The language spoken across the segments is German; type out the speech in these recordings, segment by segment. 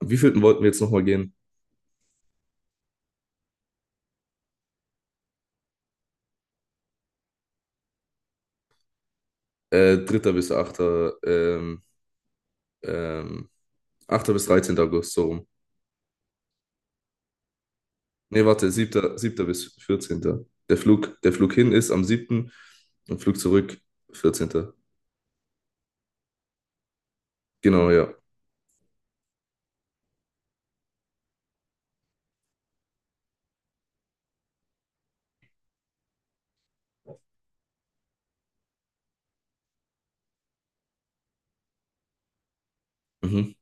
Wie vielten wollten wir jetzt nochmal gehen? 3. bis 8. Ähm, ähm, 8. bis 13. August, so rum. Nee, warte, siebter bis 14. Der Flug hin ist am 7., und Flug zurück 14. Genau, ja. Mhm.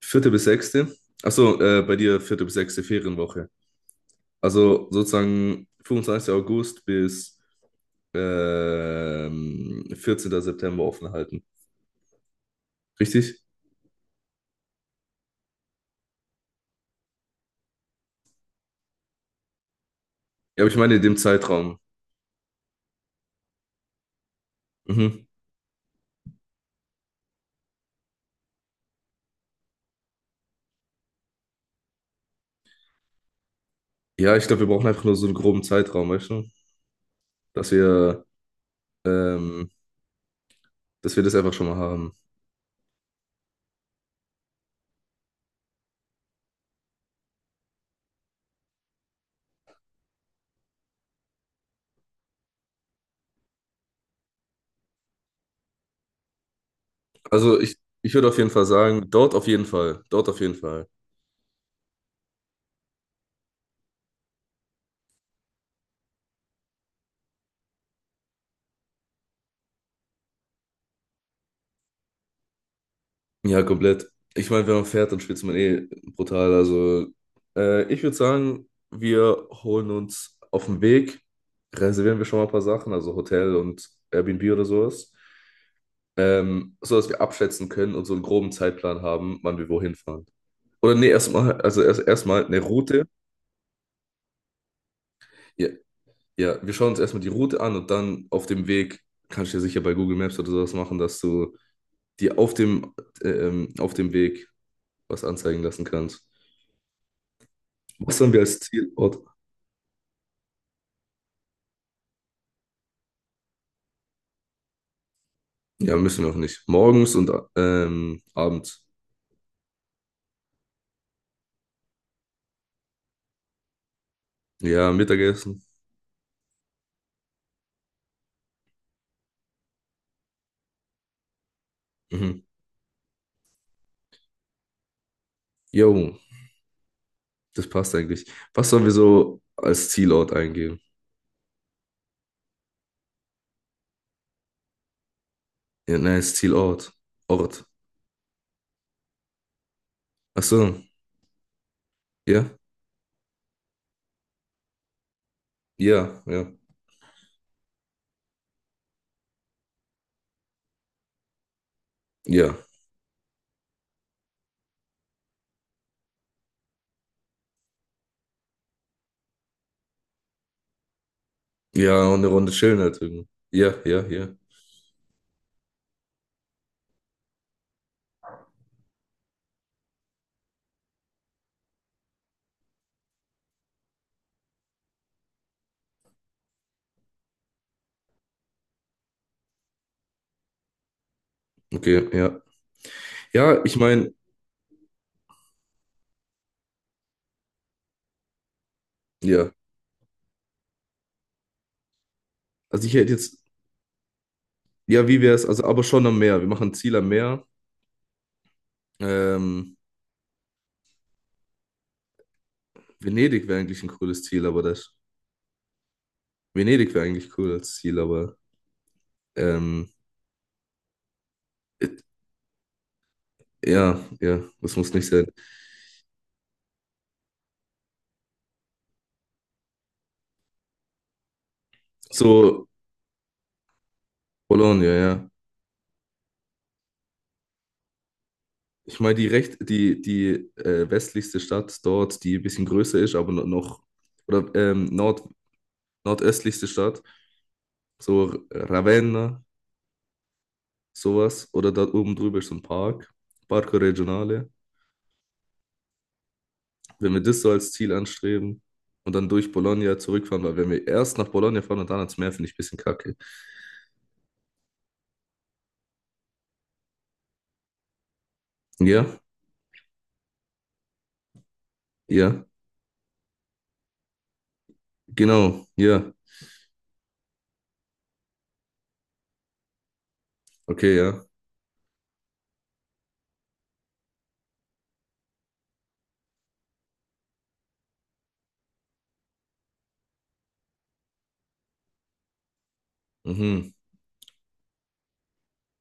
4. bis sechste. Achso, bei dir 4. bis 6. Ferienwoche. Also sozusagen 25. August bis 14. September offen halten. Richtig? Ja, aber ich meine in dem Zeitraum. Mhm. Ja, ich glaube, wir brauchen einfach nur so einen groben Zeitraum, weißt du? Dass wir, ähm, dass wir das einfach schon mal haben. Also ich würde auf jeden Fall sagen, dort auf jeden Fall. Dort auf jeden Fall. Ja, komplett. Ich meine, wenn man fährt, dann schwitzt man eh brutal. Also ich würde sagen, wir holen uns auf dem Weg, reservieren wir schon mal ein paar Sachen, also Hotel und Airbnb oder sowas. So dass wir abschätzen können und so einen groben Zeitplan haben, wann wir wohin fahren. Oder nee, erstmal, also erstmal eine Route. Ja, ja, wir schauen uns erstmal die Route an und dann auf dem Weg kannst du ja sicher bei Google Maps oder sowas machen, dass du dir auf dem Weg was anzeigen lassen kannst. Was haben wir als Zielort? Ja, müssen wir auch nicht. Morgens und abends. Ja, Mittagessen. Mhm. Jo, das passt eigentlich. Was sollen wir so als Zielort eingeben? Ja, nein, als Zielort. Ort. Ach so, ja, ja, ja, ja. Ja, und eine Runde chillen halt irgendwie. Ja, ja, ja. Okay, ja. Ja, ich meine, ja, also ich hätte jetzt, ja, wie wäre es, also aber schon am Meer. Wir machen ein Ziel am Meer. Ähm, Venedig wäre eigentlich ein cooles Ziel, aber das, Venedig wäre eigentlich cool als Ziel, aber ähm, it- ja, ja, das muss nicht sein. So, Bologna, ja. Ich meine, die westlichste Stadt dort, die ein bisschen größer ist, aber noch, oder nordöstlichste Stadt, so Ravenna, sowas, oder da oben drüber ist so ein Park, Parco Regionale. Wenn wir das so als Ziel anstreben und dann durch Bologna zurückfahren, weil wenn wir erst nach Bologna fahren und dann ans Meer, finde ich ein bisschen kacke. Ja, ja, genau, ja, okay, ja. Mhm.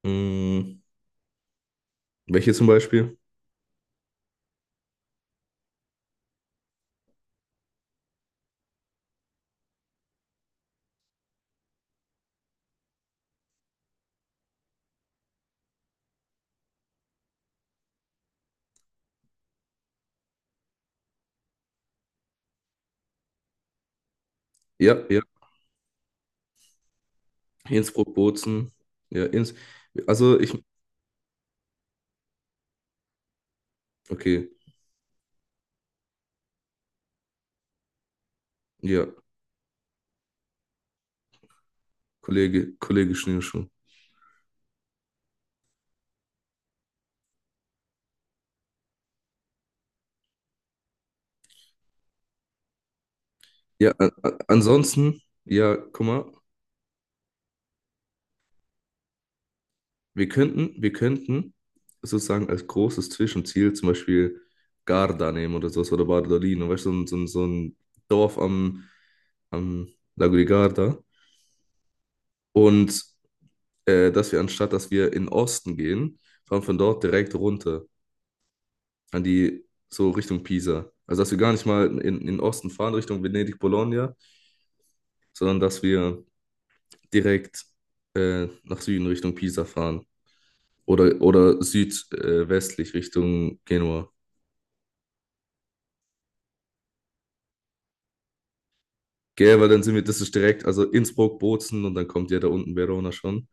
Mhm. Welche zum Beispiel? Ja, ja, Innsbruck, Bozen, ja, also ich, okay, ja, Kollege, Kollege Schnürschuh. Ja, ansonsten, ja, guck mal, wir könnten sozusagen als großes Zwischenziel zum Beispiel Garda nehmen oder sowas oder Bardolino, weißt du, so ein Dorf am Lago di Garda. Und dass wir anstatt, dass wir in den Osten gehen, fahren von dort direkt runter an die, so Richtung Pisa. Also dass wir gar nicht mal in den Osten fahren, Richtung Venedig, Bologna, sondern dass wir direkt nach Süden Richtung Pisa fahren. Oder südwestlich westlich Richtung Genua. Gell, weil dann sind wir, das ist direkt, also Innsbruck, Bozen und dann kommt ja da unten Verona schon.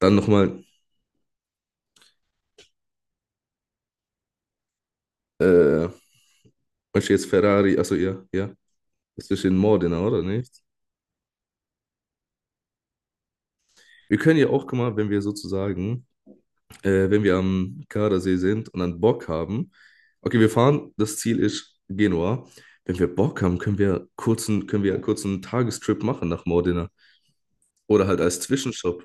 Dann nochmal, äh, was ist jetzt Ferrari, also ja, ja, das ist in Modena, oder nicht? Wir können ja auch, guck mal, wenn wir am Gardasee sind und dann Bock haben, okay, wir fahren, das Ziel ist Genua. Wenn wir Bock haben, können wir einen kurzen Tagestrip machen nach Modena. Oder halt als Zwischenstopp.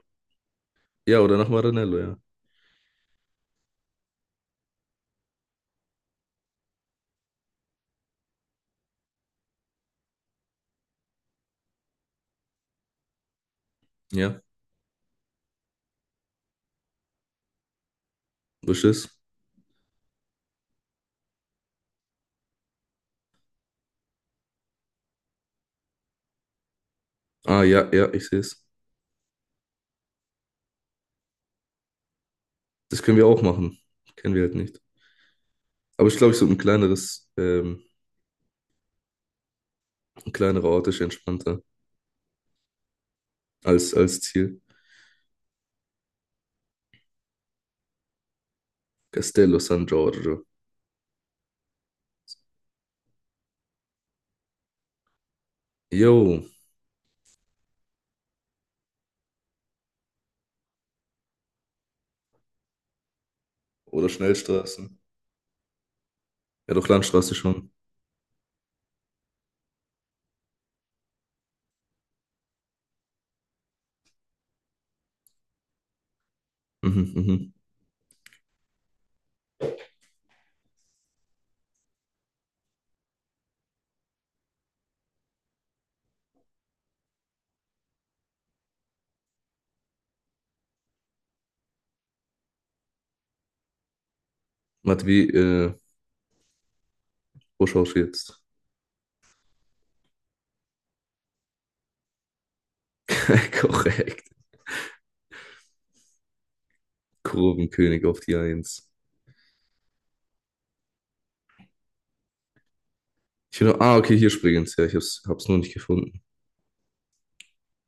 Ja, oder nach Maranello, ja. Ja, was ist? Ah, ja, ja, ich sehe es. Das können wir auch machen. Kennen wir halt nicht. Aber ich glaube, ich so ein kleineres, ein kleinerer Ort ist entspannter als Ziel. Castello San Giorgio. Jo. Oder Schnellstraßen. Ja, doch Landstraße schon. Mhm, mhm. Warte, wo schaust du jetzt? Korrekt. Kurvenkönig auf die Eins. Ich will noch, ah, okay, hier springen's. Ja, ich hab's nur nicht gefunden.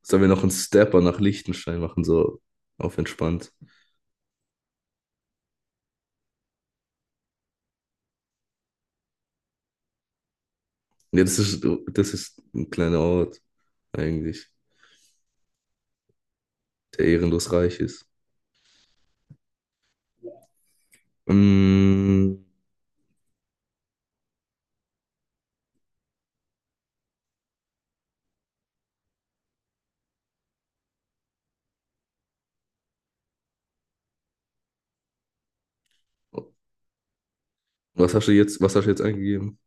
Sollen wir noch einen Stepper nach Liechtenstein machen, so auf entspannt? Ja, das ist ein kleiner Ort, eigentlich, der ehrenlos reich ist. Mm. Was hast du jetzt eingegeben?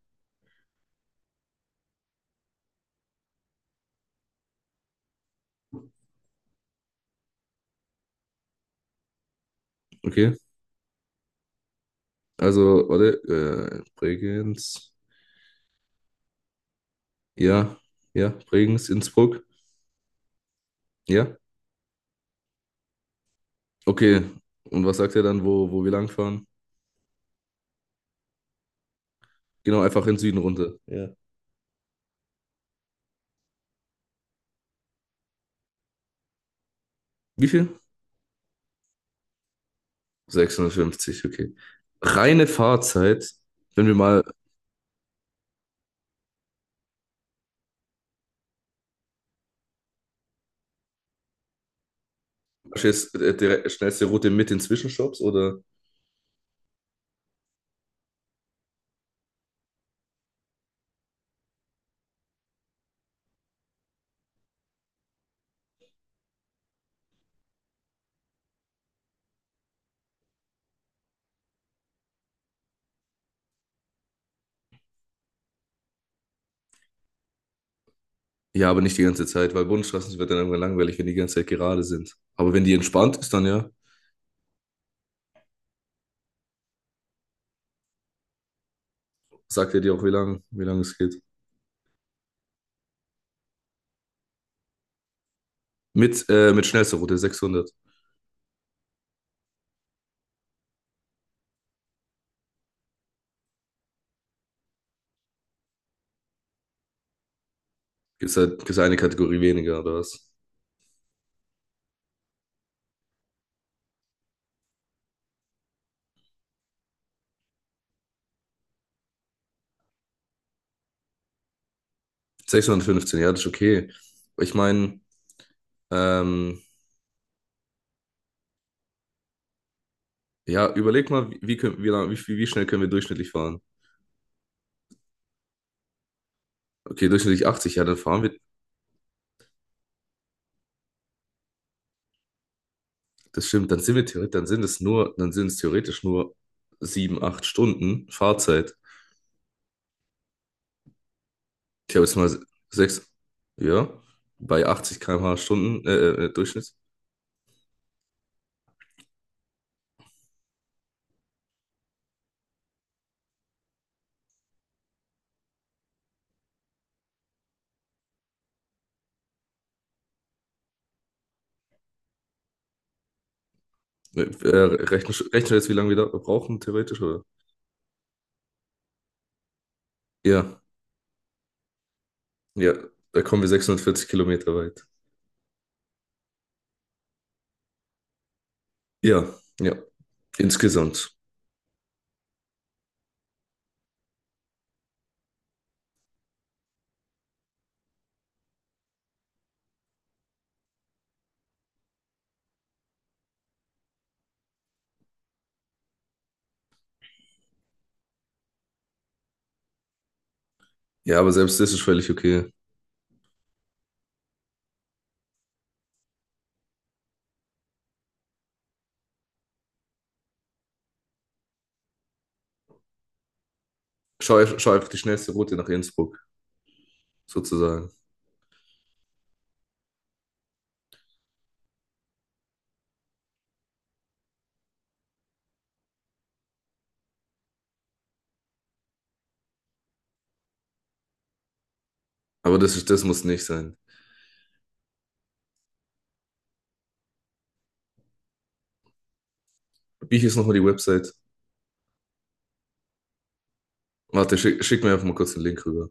Okay, also, warte, Bregenz, ja, ja, Bregenz, Innsbruck, ja, okay. Und was sagt er dann, wo wir langfahren? Genau, einfach in den Süden runter. Ja. Wie viel? 650, okay. Reine Fahrzeit, wenn wir mal, verstehst, schnellste Route mit den Zwischenstopps oder? Ja, aber nicht die ganze Zeit, weil Bundesstraßen wird dann irgendwann langweilig, wenn die ganze Zeit gerade sind. Aber wenn die entspannt ist, dann ja, sagt er dir auch, wie lang es geht. Mit schnellster Route 600. Gibt's eine Kategorie weniger oder was? 615, ja, das ist okay. Ich meine, ähm, ja, überleg mal, wie, wie, können- wie, lang- wie, wie wie schnell können wir durchschnittlich fahren? Okay, durchschnittlich 80, ja, dann fahren wir, das stimmt, dann sind es theoretisch nur sieben acht Stunden Fahrzeit. Ich habe jetzt mal 6 ja, bei 80 km/h Stunden, Durchschnitt. Äh, rechnen wir jetzt, wie lange wir da brauchen, theoretisch, oder? Ja, ja, da kommen wir 640 Kilometer weit. Ja, ja. Insgesamt. Ja, aber selbst das ist völlig okay. Schau einfach die schnellste Route nach Innsbruck, sozusagen. Aber das muss nicht sein. Wie hieß nochmal die Website? Warte, schick mir einfach mal kurz den Link rüber.